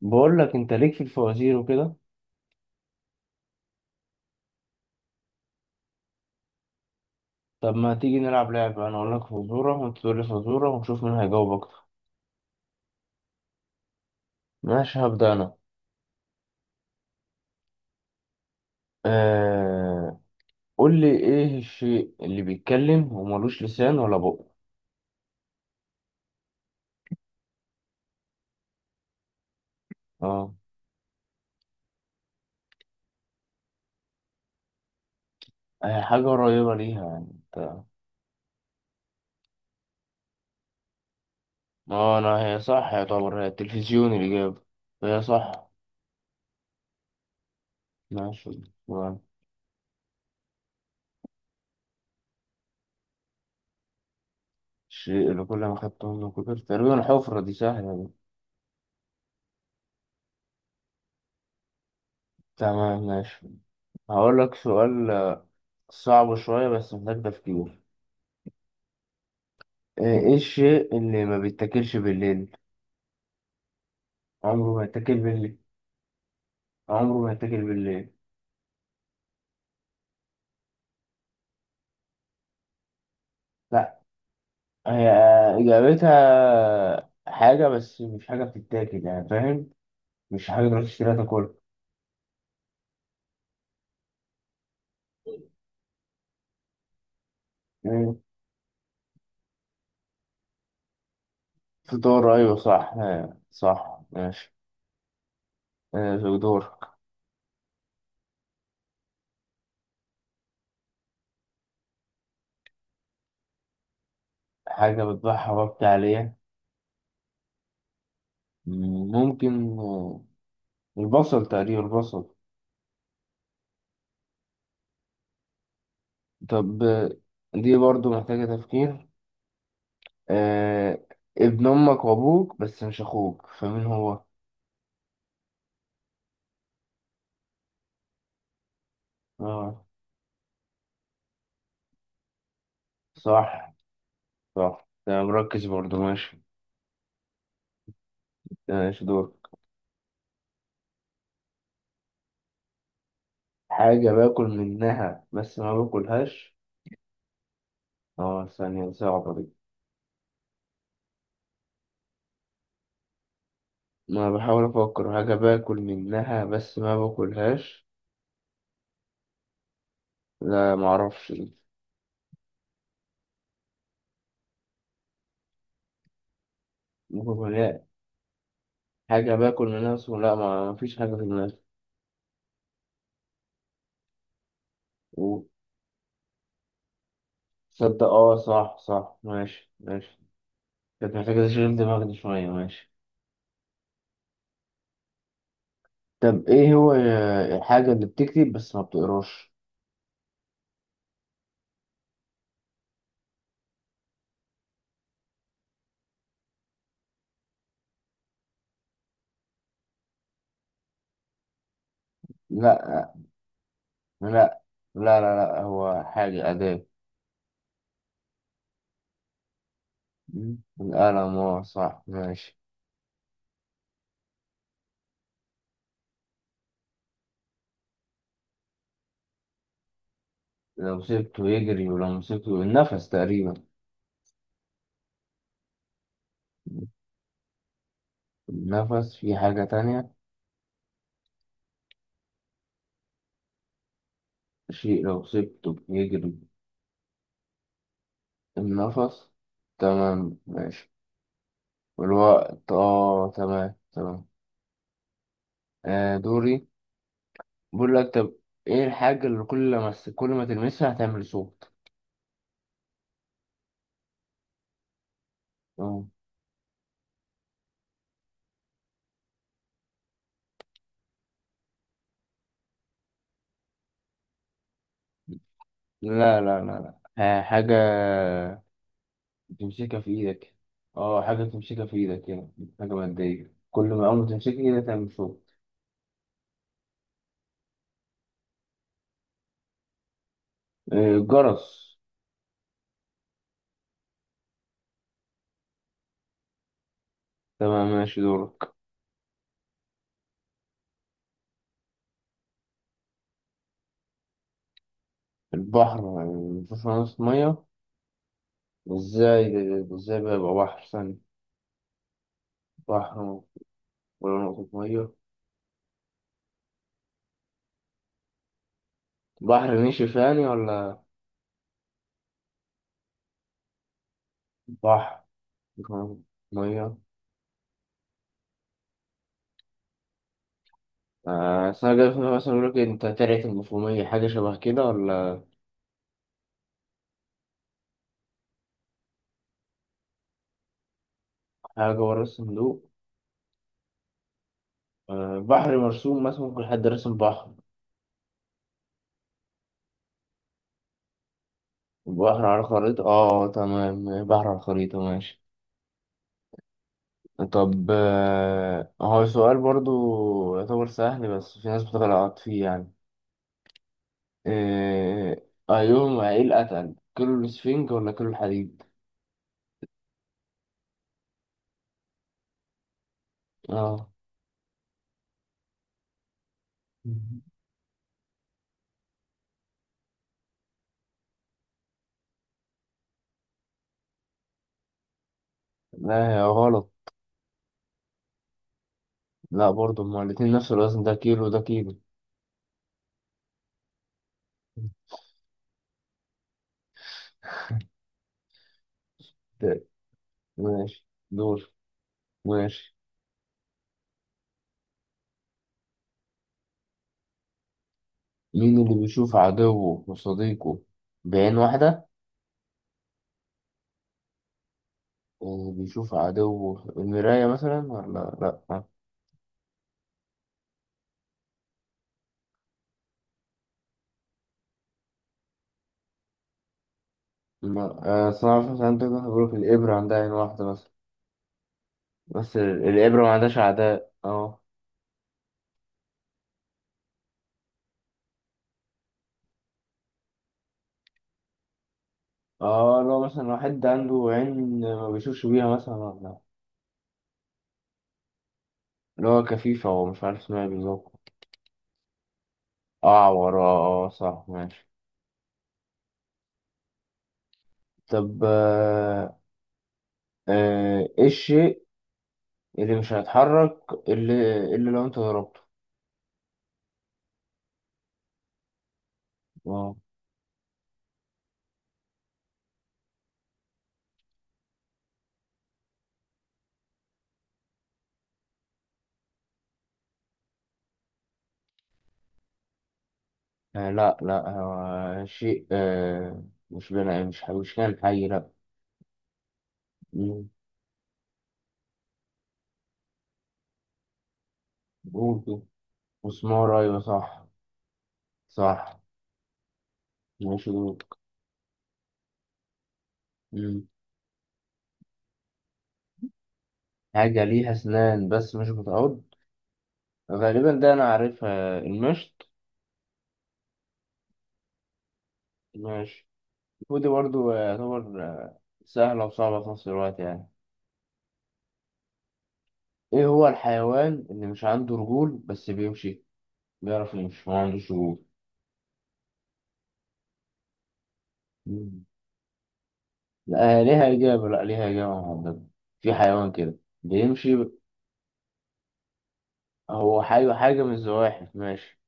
بقول لك انت ليك في الفوازير وكده. طب ما تيجي نلعب لعبة، انا اقول لك فزورة وانت تقول لي فزورة ونشوف مين هيجاوب اكتر؟ ماشي، هبدأ انا. آه... قول لي، ايه الشيء اللي بيتكلم وملوش لسان ولا بق؟ اه، هي حاجة قريبة ليها، يعني انت... اه، انا هي صح يعتبر، هي التلفزيون الإجابة. هي صح. ماشي، تمام. الشيء اللي كل ما خدته منه كبر، تقريبا الحفرة دي، سهلة دي. تمام ماشي، هقول لك سؤال. صعب شوية بس محتاج تفكير. ايه الشيء اللي ما بيتاكلش بالليل، عمره ما يتاكل بالليل؟ عمره ما يتاكل بالليل. لا، هي اجابتها حاجة بس مش حاجة بتتاكل، يعني فاهم، مش حاجة تروح تشتريها تاكلها. مم. فطار، ايوه صح، صح ماشي. دور. حاجة بتبيعها وقت عليها. ممكن، البصل، تقريبا البصل. طب دي برضو محتاجة تفكير. آه، ابن امك وابوك بس مش اخوك، فمين هو؟ اه صح، صح، ده مركز برضه. ماشي ماشي دور. حاجة باكل منها بس ما باكلهاش. اه، ثانية صعبة دي. ما بحاول أفكر، حاجة باكل منها بس ما باكلهاش. لا معرفش دي. ممكن يكون لا، حاجة باكل منها بس لا، ما مفيش حاجة في دماغي. و- تصدق اه، صح صح، ماشي ماشي، كانت محتاجة تشغيل دماغي شوية. ماشي. طب ايه هو الحاجة اللي بتكتب بس ما بتقراش؟ لا لا لا لا، لا هو حاجة أداة. القلم، اه صح، ماشي. لو سبته يجري ولو مسكته، النفس تقريبا. النفس في حاجة تانية. شيء لو سبته يجري، النفس. تمام ماشي. والوقت، اه تمام تمام. آه دوري. بقول لك، طب ايه الحاجة اللي كل ما كل ما تلمسها هتعمل صوت؟ اه، لا لا لا لا، حاجة تمسكها في ايدك. اه، حاجة تمسكها في ايدك، يعني حاجة مادية، كل ما أول ما تمسكها كده تعمل صوت. جرس. تمام ماشي، دورك. البحر يعني مفيهوش نقطة مية؟ ازاي ازاي بقى يبقى بحر ثاني؟ بحر ولا نقطة مية. بحر نشف يعني، ولا... بحر، مفيش نقطة مية. أصل أنا جاي في دماغي مثلا يقول لك أنت ترعة المفهومية، حاجة شبه كده ولا... حاجة ورا الصندوق. بحر مرسوم مثلا، ممكن حد رسم بحر. بحر على الخريطة، اه تمام، بحر على الخريطة، ماشي. طب هو سؤال برضو يعتبر سهل بس في ناس بتغلط فيه يعني. آه، أيهم، ايه الأتقل، كيلو السفنج ولا كيلو الحديد؟ اه لا، هي غلط. لا برضو هما الاتنين نفس الوزن، ده كيلو ده كيلو. ده- ماشي دور. ماشي. مين اللي بيشوف عدوه وصديقه بعين واحدة؟ اللي بيشوف عدوه المراية، مثلا، ولا لأ... ما- صناعة الفحم، عندك واحد بيقولك الإبرة عندها عين واحدة مثلا، بس الإبرة ما عندهاش أعداء، اه. اه، لو مثلا واحد عنده عين ما بيشوفش بيها مثلا، ولا... اللي هو كفيفة، هو مش عارف اسمها إيه بالظبط. أعور، اه. آه، أه، صح ماشي. طب إيه الشيء اللي مش هيتحرك، اللي لو أنت ضربته... اه، لا لا، هو شيء، آه، مش بنا، مش كان حي، لا. مم. قول كده. مسمار، أيوة صح، صح ماشي دول. مم. حاجة ليها أسنان بس مش بتعض، غالبا ده أنا عارفها، المشط. ماشي. ودي برضو يعتبر سهلة وصعبة في نفس الوقت، يعني إيه هو الحيوان اللي مش عنده رجول بس بيمشي، بيعرف يمشي ما عندوش رجول. مم. لا ليها إجابة، لا ليها إجابة محددة، في حيوان كده بيمشي. هو حي، حاجة من الزواحف، ماشي.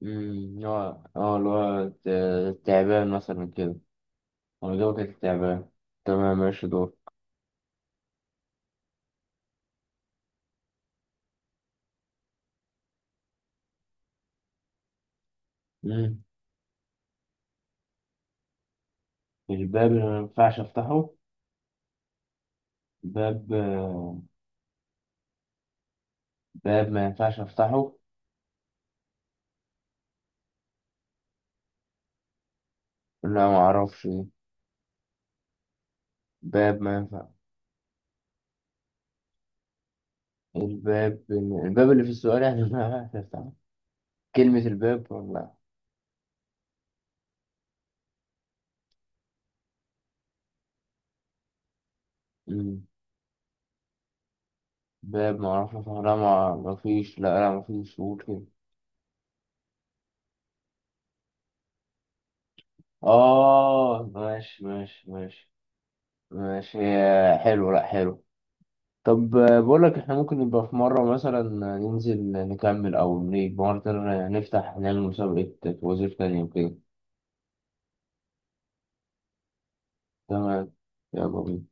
هو اه اللي هو التعبان مثلا كده، هو إجابة كانت التعبان. تمام ماشي. دور. مش باب اللي ما ينفعش افتحه؟ باب باب ما ينفعش افتحه، لا ما اعرفش إيه. باب ما ينفع، الباب، الباب اللي في السؤال يعني ما ينفعش افتحه، كلمة الباب ولا... مم. باب ما اعرفش افتحه، لا ما ما فيش، لا لا ما فيش، قول كده. اه ماشي ماشي ماشي. ماشي، هي حلو، لا حلو. طب بقول لك احنا ممكن نبقى في مرة مثلا ننزل نكمل، او نيجي مرة تانية نفتح نعمل مسابقة وزير تانية وكده. تمام، يلا بينا.